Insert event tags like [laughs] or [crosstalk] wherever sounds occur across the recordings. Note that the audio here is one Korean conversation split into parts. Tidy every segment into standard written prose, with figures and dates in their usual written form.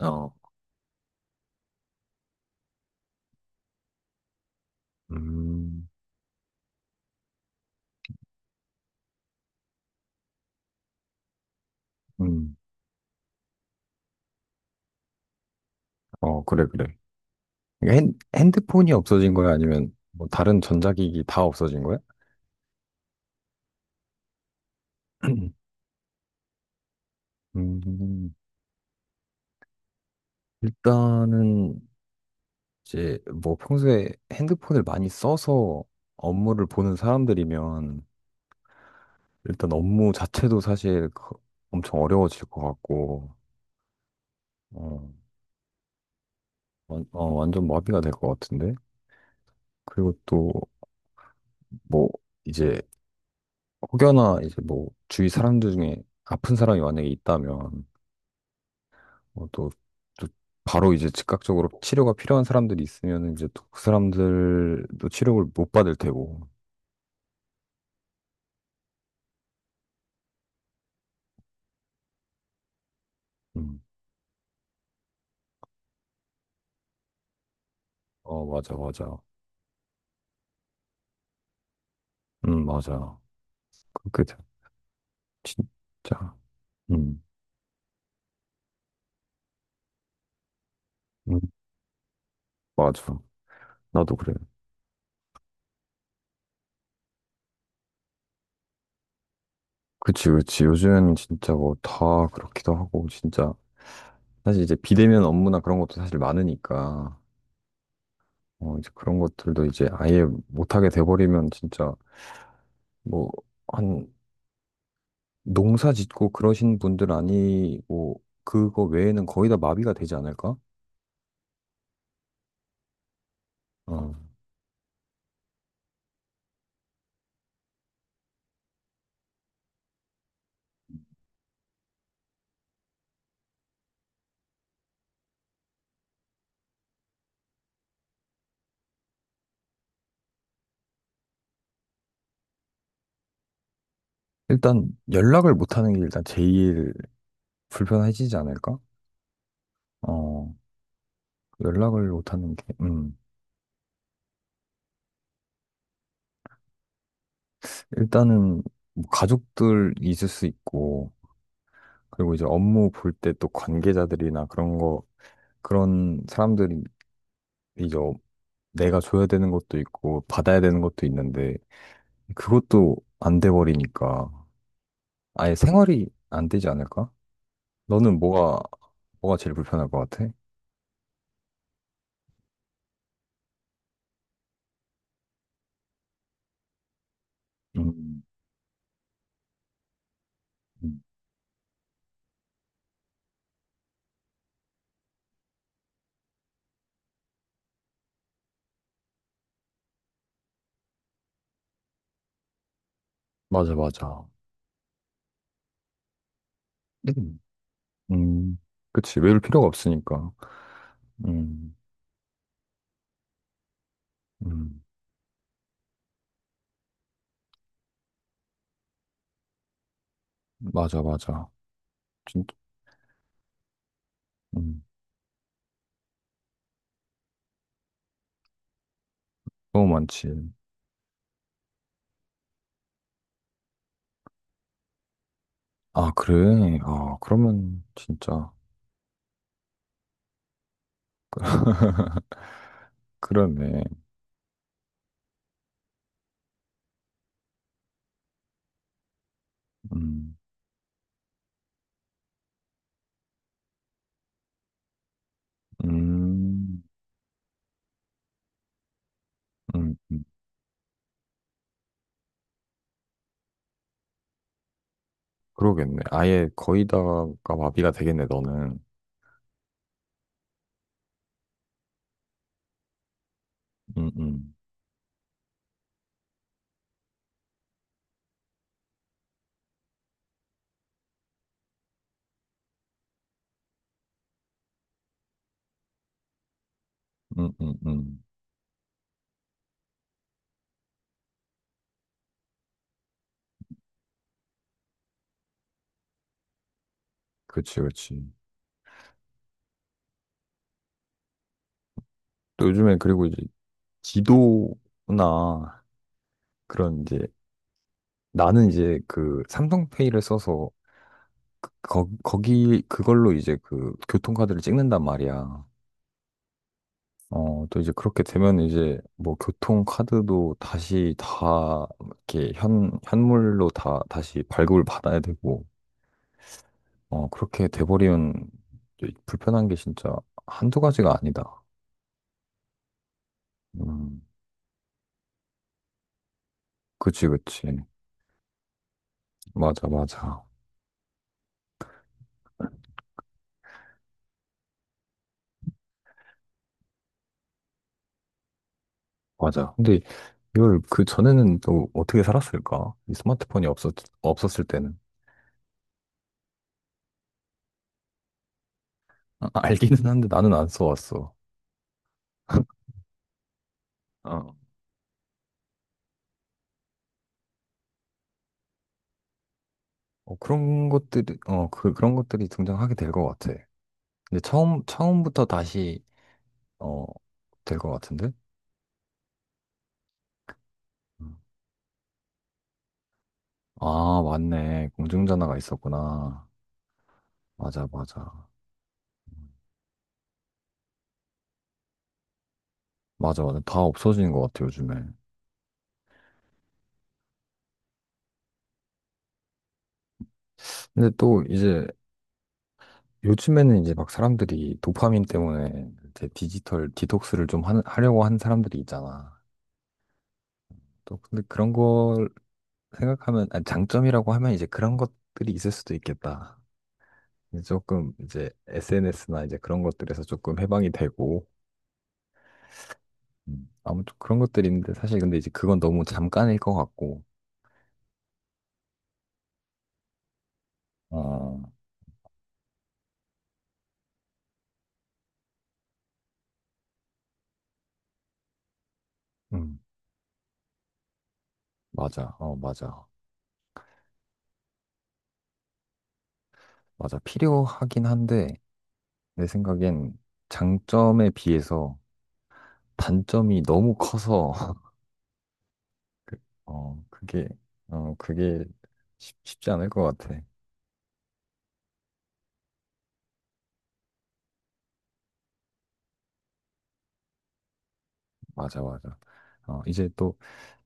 어, 음, 음, 어, 그래, 그래. 이게 핸드폰이 없어진 거야? 아니면 뭐 다른 전자기기 다 없어진 거야? [clears throat] 음, 일단은 이제 뭐 평소에 핸드폰을 많이 써서 업무를 보는 사람들이면 일단 업무 자체도 사실 엄청 어려워질 것 같고, 어, 완전 마비가 될 것 같은데? 그리고 또 뭐 이제 혹여나 이제 뭐 주위 사람들 중에 아픈 사람이 만약에 있다면 어, 또 바로 이제 즉각적으로 치료가 필요한 사람들이 있으면 이제 또 그 사람들도 치료를 못 받을 테고. 음. 어, 맞아, 맞아. 맞아. 그게 다- 진짜. 음, 음, 맞아. 나도 그래. 그치, 그치. 요즘 진짜 뭐 다 그렇기도 하고, 진짜. 사실 이제 비대면 업무나 그런 것도 사실 많으니까, 어, 이제 그런 것들도 이제 아예 못하게 돼버리면 진짜 뭐, 한 농사 짓고 그러신 분들 아니고, 그거 외에는 거의 다 마비가 되지 않을까? 어. 일단 연락을 못하는 게 일단 제일 불편해지지 않을까? 어, 연락을 못하는 게, 일단은 뭐 가족들 있을 수 있고, 그리고 이제 업무 볼 때 또 관계자들이나 그런 거, 그런 사람들이 이제 어- 내가 줘야 되는 것도 있고, 받아야 되는 것도 있는데, 그것도 안 돼 버리니까 아예 생활이 안 되지 않을까? 너는 뭐가 제일 불편할 것 같아? 음, 음. 맞아, 맞아. 음, 음. 그치. 외울 필요가 없으니까. 음, 음. 맞아, 맞아. 진짜, 음. 너무 많지. 아, 그래? 아, 그러면 진짜. [laughs] 그러네. 음, 음, 음, 음. 그러겠네. 아예 거의 다가 마비가 되겠네, 너는. 음, 음, 음, 음, 음. 그치, 그치. 또 요즘에 그리고 이제 지도나 그런 이제 나는 이제 그 삼성페이를 써서 거기 그걸로 이제 그 교통카드를 찍는단 말이야. 어, 또 이제 그렇게 되면 이제 뭐 교통카드도 다시 다 이렇게 현물로 다 다시 발급을 받아야 되고, 어, 그렇게 돼버리면 이제 불편한 게 진짜 한두 가지가 아니다. 음, 그치, 그치. 맞아, 맞아. 맞아. 근데 이걸 그 전에는 또 어떻게 살았을까? 이 스마트폰이 없었을 때는. 아, 알기는 한데 나는 안 써왔어. 어, 어, 그런 것들이, 어, 그런 것들이 등장하게 될 것 같아. 근데 처음부터 다시, 어, 될 것 같은데? 음. 아, 맞네. 공중전화가 있었구나. 맞아, 맞아. 맞아, 맞아. 다 없어지는 것 같아, 요즘에. 근데 또 이제, 요즘에는 이제 막 사람들이 도파민 때문에 이제 디지털 디톡스를 좀 하려고 하는 사람들이 있잖아. 또, 근데 그런 걸 생각하면, 아니, 장점이라고 하면 이제 그런 것들이 있을 수도 있겠다. 이제 조금 이제 SNS나 이제 그런 것들에서 조금 해방이 되고 아무튼 그런 것들이 있는데 사실 근데 이제 그건 너무 잠깐일 것 같고 어, 음, 맞아. 어, 맞아. 맞아. 필요하긴 한데, 내 생각엔 장점에 비해서 단점이 너무 커서, [laughs] 그, 어, 그게, 어, 그게 쉽지 않을 것 같아. 맞아, 맞아. 어, 이제 또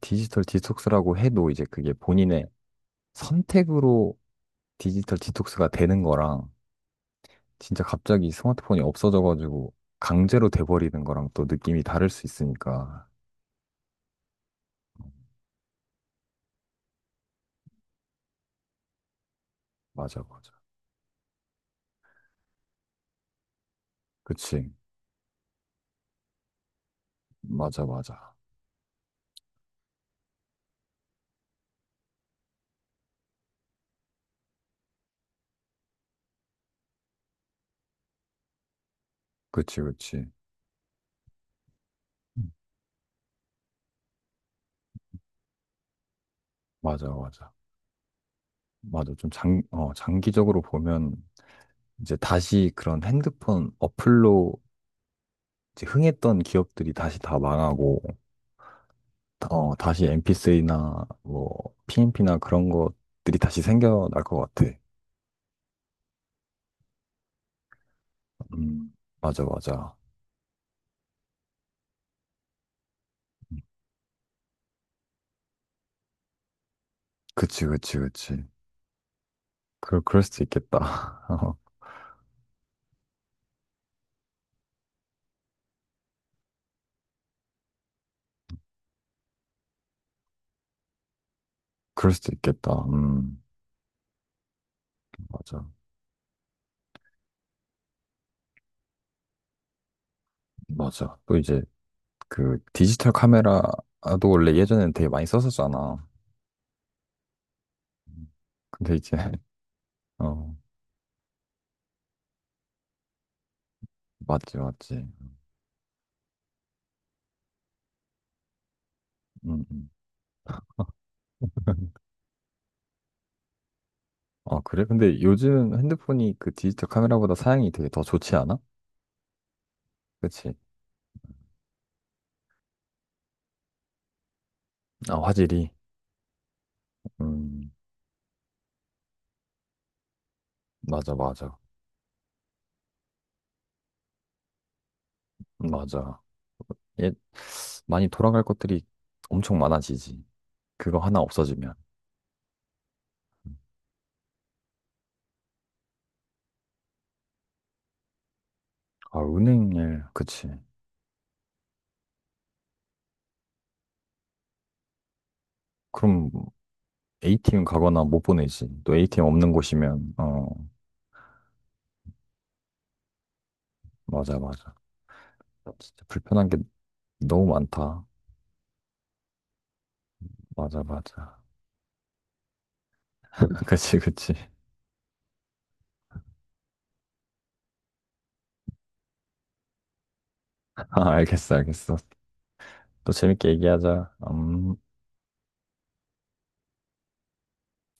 디지털 디톡스라고 해도 이제 그게 본인의 선택으로 디지털 디톡스가 되는 거랑 진짜 갑자기 스마트폰이 없어져가지고 강제로 돼버리는 거랑 또 느낌이 다를 수 있으니까. 맞아, 맞아. 그치. 맞아, 맞아. 그치, 그치. 음. 맞아, 맞아. 맞아. 좀 장, 어, 장기적으로 보면 이제 다시 그런 핸드폰 어플로 이제 흥했던 기업들이 다시 다 망하고, 어, 다시 MPC 나 뭐, PMP나 그런 것들이 다시 생겨날 것 같아. 음, 맞아, 맞아. 음. 그치, 그치, 그치. 그럴 수도 있겠다. [laughs] 어, 그럴 수도 있겠다. 맞아. 맞아. 또 이제 그 디지털 카메라도 원래 예전에는 되게 많이 썼었잖아. 음, 근데 이제, [laughs] 어, 맞지, 맞지. 음, 음. [laughs] 아, 그래? 근데 요즘 핸드폰이 그 디지털 카메라보다 사양이 되게 더 좋지 않아? 그치? 아, 화질이. 음, 맞아, 맞아. 맞아. 예, 많이 돌아갈 것들이 엄청 많아지지. 그거 하나 없어지면. 아, 은행 일, 그치. 그럼 A팀 가거나 못 보내지. 또 A팀 없는 곳이면, 어, 맞아, 맞아. 진짜 불편한 게 너무 많다. 맞아, 맞아. [laughs] 그치, 그치. 아, 알겠어, 알겠어. 또 재밌게 얘기하자. 음.